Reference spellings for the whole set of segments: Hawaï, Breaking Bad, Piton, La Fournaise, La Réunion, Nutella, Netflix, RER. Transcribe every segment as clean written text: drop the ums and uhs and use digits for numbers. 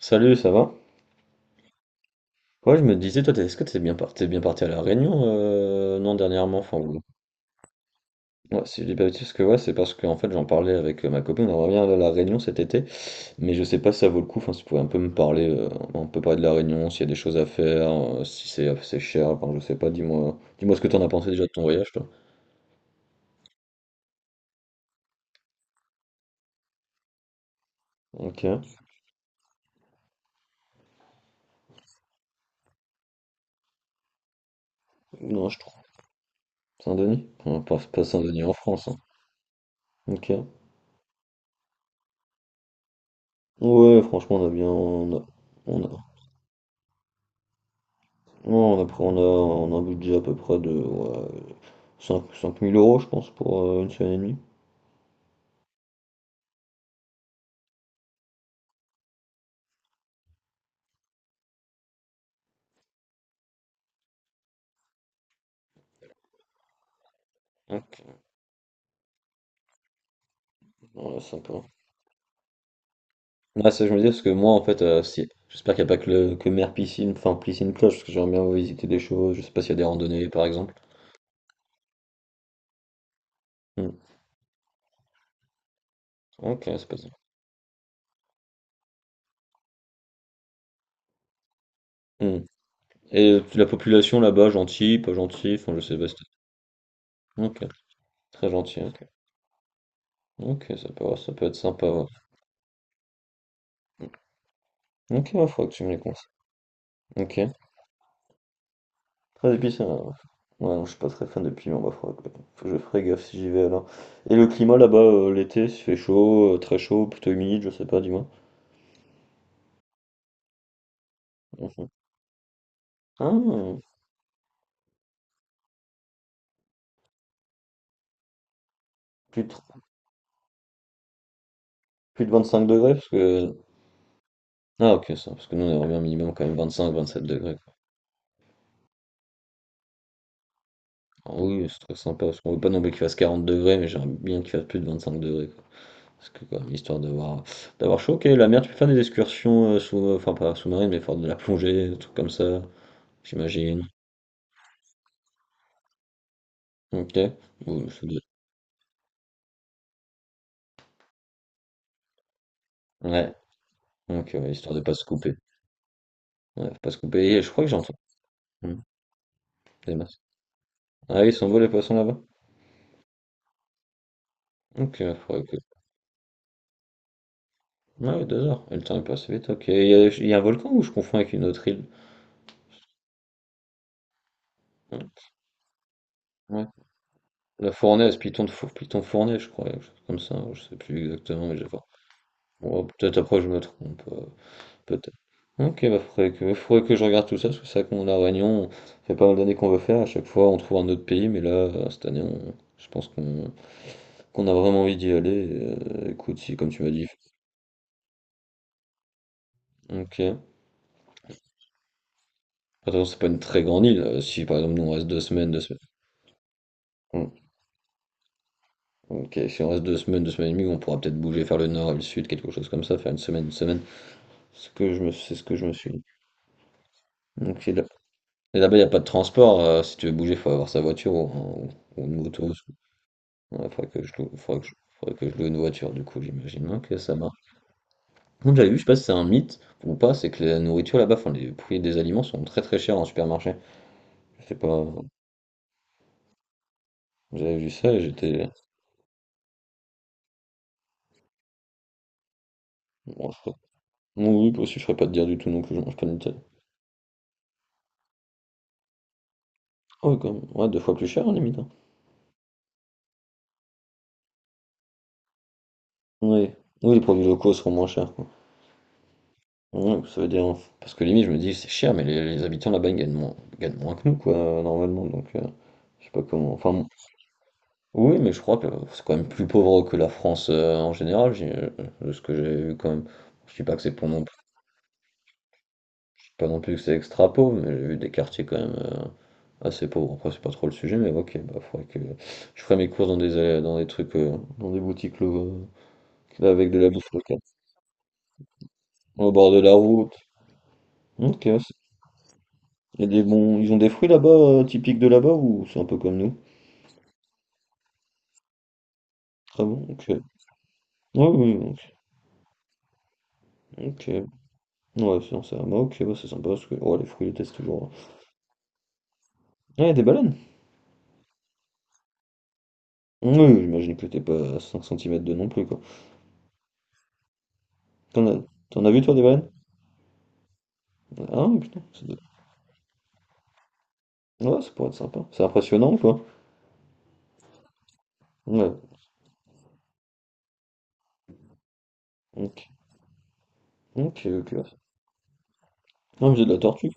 Salut, ça va? Ouais, je me disais, toi, est-ce que t'es bien, t'es bien parti à La Réunion, non, dernièrement, enfin, ouais, si je dis pas de bêtises, parce que ouais, c'est parce que, en fait, j'en parlais avec ma copine, on revient à La Réunion cet été, mais je sais pas si ça vaut le coup, enfin, si tu pouvais un peu me parler, on peut parler de La Réunion, s'il y a des choses à faire, si c'est assez cher, enfin, je sais pas, dis-moi, dis-moi ce que t'en as pensé déjà de ton voyage, toi. Ok, non, je trouve. Saint-Denis? On passe pas Saint-Denis en France, hein. Ok. Ouais, franchement, on a bien, on a, non, on a, pris- on a un budget à peu près de, ouais, 5, 5000 euros, je pense, pour une semaine et demie. Ok, non, là, c'est un peu. Là, ça, je me dis, parce que moi, en fait, si... j'espère qu'il n'y a pas que, le... que mer piscine, enfin, piscine cloche, parce que j'aimerais bien visiter des choses, je sais pas s'il y a des randonnées, par exemple. Hmm. Ok, c'est pas ça. Hmm. Et la population là-bas, gentille, pas gentille, enfin, je sais pas si Ok, très gentil, ok. Ok, ça peut être sympa, ouais. Ok, il faudra que tu me les conseilles. Ok. Très épicé, ouais. Ouais, non, je suis pas très fan de piment, bah, faut que je ferai gaffe si j'y vais alors. Et le climat là-bas, l'été, s'il fait chaud, très chaud, plutôt humide, je sais pas, dis-moi. Mhm. Ah, plus de, plus de 25 degrés, parce que... Ah ok, ça, parce que nous on aimerait bien minimum quand même 25-27 degrés, quoi. Ah oui, c'est très sympa, parce qu'on veut pas non plus qu'il fasse 40 degrés, mais j'aimerais bien qu'il fasse plus de 25 degrés, quoi. Parce que quand même, histoire d'avoir chaud, ok, la mer, tu peux faire des excursions sous... enfin, pas sous-marine, mais faire de la plongée, des trucs comme ça, j'imagine. Ok. Ouh, ça doit- Ouais. Donc, histoire de pas se couper. Ouais, faut pas se couper. Et je crois que j'entends. Hmm, des masses. Ah oui, ils s'envolent les poissons là-bas. Ok, faudrait que. Ah oui, 2 heures. Et le temps est passé vite. Ok, il y a un volcan ou je confonds avec une autre île? Hmm, ouais. La Fournaise, Python de Four, Python Fournaise, je crois, quelque chose comme ça. Je sais plus exactement, mais j'ai pas. Bon, peut-être après je me trompe. Peut-être. Ok, bah faudrait que je regarde tout ça, parce que c'est vrai qu'on la Réunion, ça fait pas mal d'années qu'on veut faire, à chaque fois on trouve un autre pays, mais là, cette année, je pense qu'on a vraiment envie d'y aller. Écoute, si comme tu m'as dit, ok. Attention, c'est pas une très grande île. Si par exemple nous on reste 2 semaines, 2 semaines. Hmm. Ok, si on reste 2 semaines, 2 semaines et demie, on pourra peut-être bouger vers le nord et le sud, quelque chose comme ça, faire une semaine, une semaine. C'est ce que je me suis dit. Ok, et là-bas, il n'y a pas de transport. Si tu veux bouger, il faut avoir sa voiture ou, ou une moto. Il faudrait que je loue, faudrait que je loue une voiture, du coup, j'imagine bien que ça marche. Bon, j'avais vu, je sais pas si c'est un mythe ou pas, c'est que la nourriture là-bas, enfin, les prix des aliments sont très très chers en supermarché. Je sais pas, j'avais vu ça et j'étais. Bon, oui, oui, aussi, je ferais pas de dire du tout non plus, je mange pas de Nutella. Ah oui, quand même. Ouais, deux fois plus cher, hein, limite, hein. Oui. Oui, les produits locaux seront moins chers, quoi. Ouais, ça veut dire, hein, parce que limite, je me dis, c'est cher, mais les habitants là-bas, ils gagnent moins que nous, quoi, normalement. Donc, je sais pas comment. Enfin, bon, oui, mais je crois que c'est quand même plus pauvre que la France en général, de ce que j'ai vu quand même. Je dis pas que c'est pour non. Je dis pas non plus que c'est extra pauvre, mais j'ai vu des quartiers quand même assez pauvres. Après, c'est pas trop le sujet, mais ok, bah, faudrait que je ferai mes courses dans des trucs, dans des boutiques avec de la bouffe locale. Au bord de la route. Ok, ouais, il y a des bons... Ils ont des fruits là-bas, typiques de là-bas, ou c'est un peu comme nous? Très bon, ok. Ouais, oui, oui, ok. Ok. Ouais, sinon c'est un bah, ok, bah, c'est sympa, parce que oh, les fruits, ils les testent toujours. Ah, il y a des baleines? Oui, j'imagine que t'es pas à 5 cm de non plus, quoi. T'en as... T'en as vu, toi, des baleines? Ah, putain, c'est ouais, ça pourrait être sympa. C'est impressionnant, quoi. Ouais. Ok. Ok, ok. Non, mais c'est de la tortue.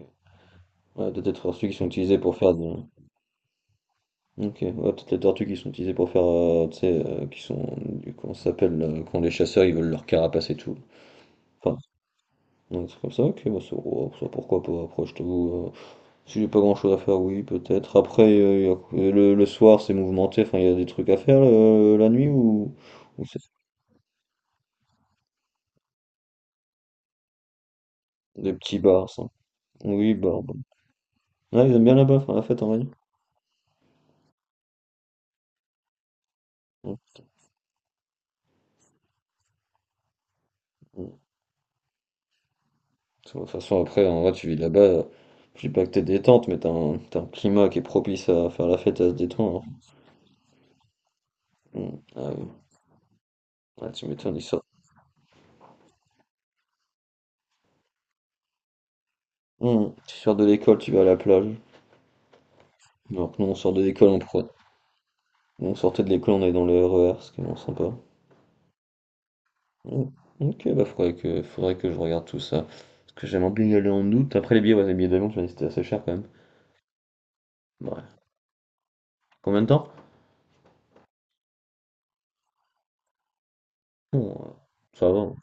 Ok. Ouais, peut-être les tortues qui sont utilisées pour faire des... Ok, ouais, peut-être les tortues qui sont utilisées pour faire, tu sais, qui sont, comment ça s'appelle, quand les chasseurs, ils veulent leur carapace et tout. Enfin, donc c'est comme ça, ok, bah, ouais, ça, pourquoi pas, après, je t'avoue, si j'ai pas grand-chose à faire, oui, peut-être. Après, le soir, c'est mouvementé, enfin, il y a des trucs à faire, la nuit, ou, c'est des petits bars, ça. Oui, bars, bah. Ouais, ils aiment bien là-bas, faire la fête, en vrai. De toute façon, après, en vrai, tu vis là-bas, je dis pas que t'es détente, mais t'as un climat qui est propice à faire la fête, à se détendre, hein. Mm. Ah oui. Ah, tu m'étonnes, ils sortent. Mm. Tu sors de l'école, tu vas à la plage. Alors que nous, on sort de l'école, nous, on sortait de l'école, on est dans le RER, ce qui est moins sympa. Mm. Ok, bah faudrait que je regarde tout ça. Parce que j'aimerais bien y aller en août. Après les billets, ouais, les billets d'avion, tu m'as dit que c'était assez cher quand même. Ouais. Combien de temps? Bon, ça va, hein.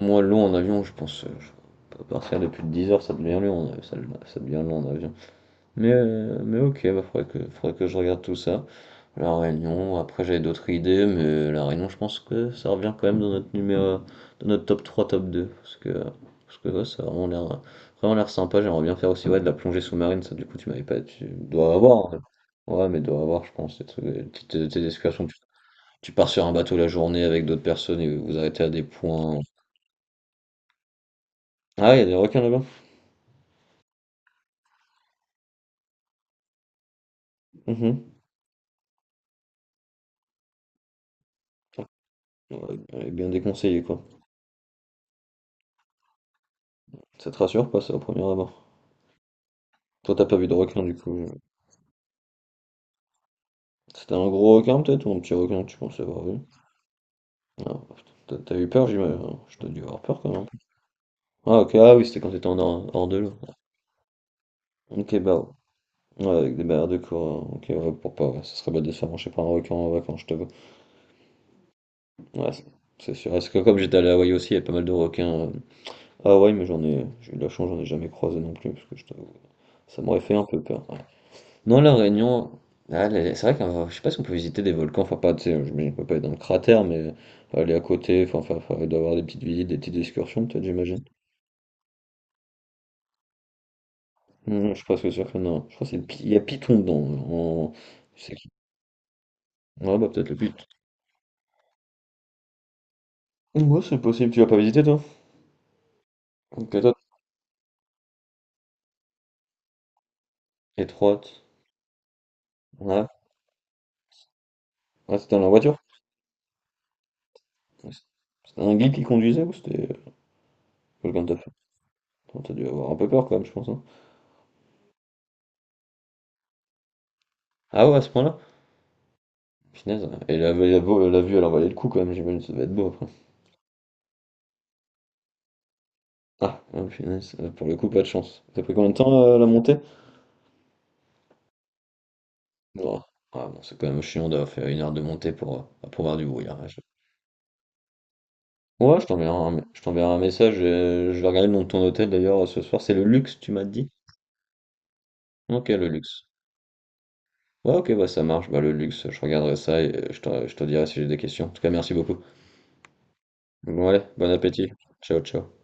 Moi, long en avion, je pense, je peux partir depuis 10 heures, ça devient long, ça devient long en avion. Mais ok, bah, faudrait que je regarde tout ça. La Réunion, après j'avais d'autres idées, mais La Réunion, je pense que ça revient quand même dans notre top 3 top 2 parce que, ouais, ça a vraiment l'air sympa. J'aimerais bien faire aussi, ouais, de la plongée sous-marine, ça, du coup, tu m'avais pas tu dois avoir, hein? Ouais, mais dois avoir, je pense, des trucs, des petites, tu des excursions, tu pars sur un bateau la journée avec d'autres personnes et vous arrêtez à des points. Ah, il y a des requins là-bas? Mmh, ouais, elle est bien déconseillé quoi. Ça te rassure pas, ça, au premier abord? Toi, t'as pas vu de requin du coup. C'était un gros requin peut-être ou un petit requin, tu pensais avoir vu? Ah, putain, t'as eu peur, j'imagine, hein. Je t'ai dû avoir peur quand même. Ah, ok, ah oui, c'était quand t'étais en hors, hors de l'eau. Ok, bah ouais. Ouais, avec des barrières de corps. Ok, ouais, pour pas, ouais, ça serait bête de se faire manger par un requin en vacances, je t'avoue. Ouais, c'est sûr. Parce que comme j'étais allé à Hawaï aussi, il y avait pas mal de requins. À Hawaï, mais j'en ai. J'ai eu de la chance, j'en ai jamais croisé non plus, parce que je t'avoue. Ça m'aurait fait un peu peur. Ouais. Non, La Réunion, ah, c'est vrai que je sais pas si on peut visiter des volcans, enfin pas, tu sais, je on peut pas être dans le cratère, mais aller à côté, enfin, il doit y avoir des petites visites, des petites excursions peut-être, j'imagine. Non, je suis presque sûr que non. Je crois que c'est il y a Piton dedans. En... Je sais qui. Ouais, bah peut-être le Piton. Ouais, c'est possible, tu vas pas visiter toi? Ok, toi, étroite. Ouais, ouais c'était dans la voiture. C'était un guide qui conduisait ou c'était quelqu'un de ta famille? Attends, t'as dû avoir un peu peur quand même, je pense, hein. Ah ouais, à ce point-là? Punaise, ouais. Et la vue, elle en valait le coup quand même, j'imagine, ça devait être beau après. Ah, ah, punaise, pour le coup, pas de chance. Ça a pris combien de temps la montée? Bon, ah, bon, c'est quand même chiant d'avoir fait 1 heure de montée pour voir du bruit, hein. Je- Ouais, je t'enverrai un message. Je vais regarder le nom de ton hôtel d'ailleurs ce soir. C'est le luxe, tu m'as dit? Ok, le luxe. Ouais, ok, bah ça marche. Bah, le luxe, je regarderai ça et je te dirai si j'ai des questions. En tout cas, merci beaucoup. Bon, allez, bon appétit. Ciao, ciao.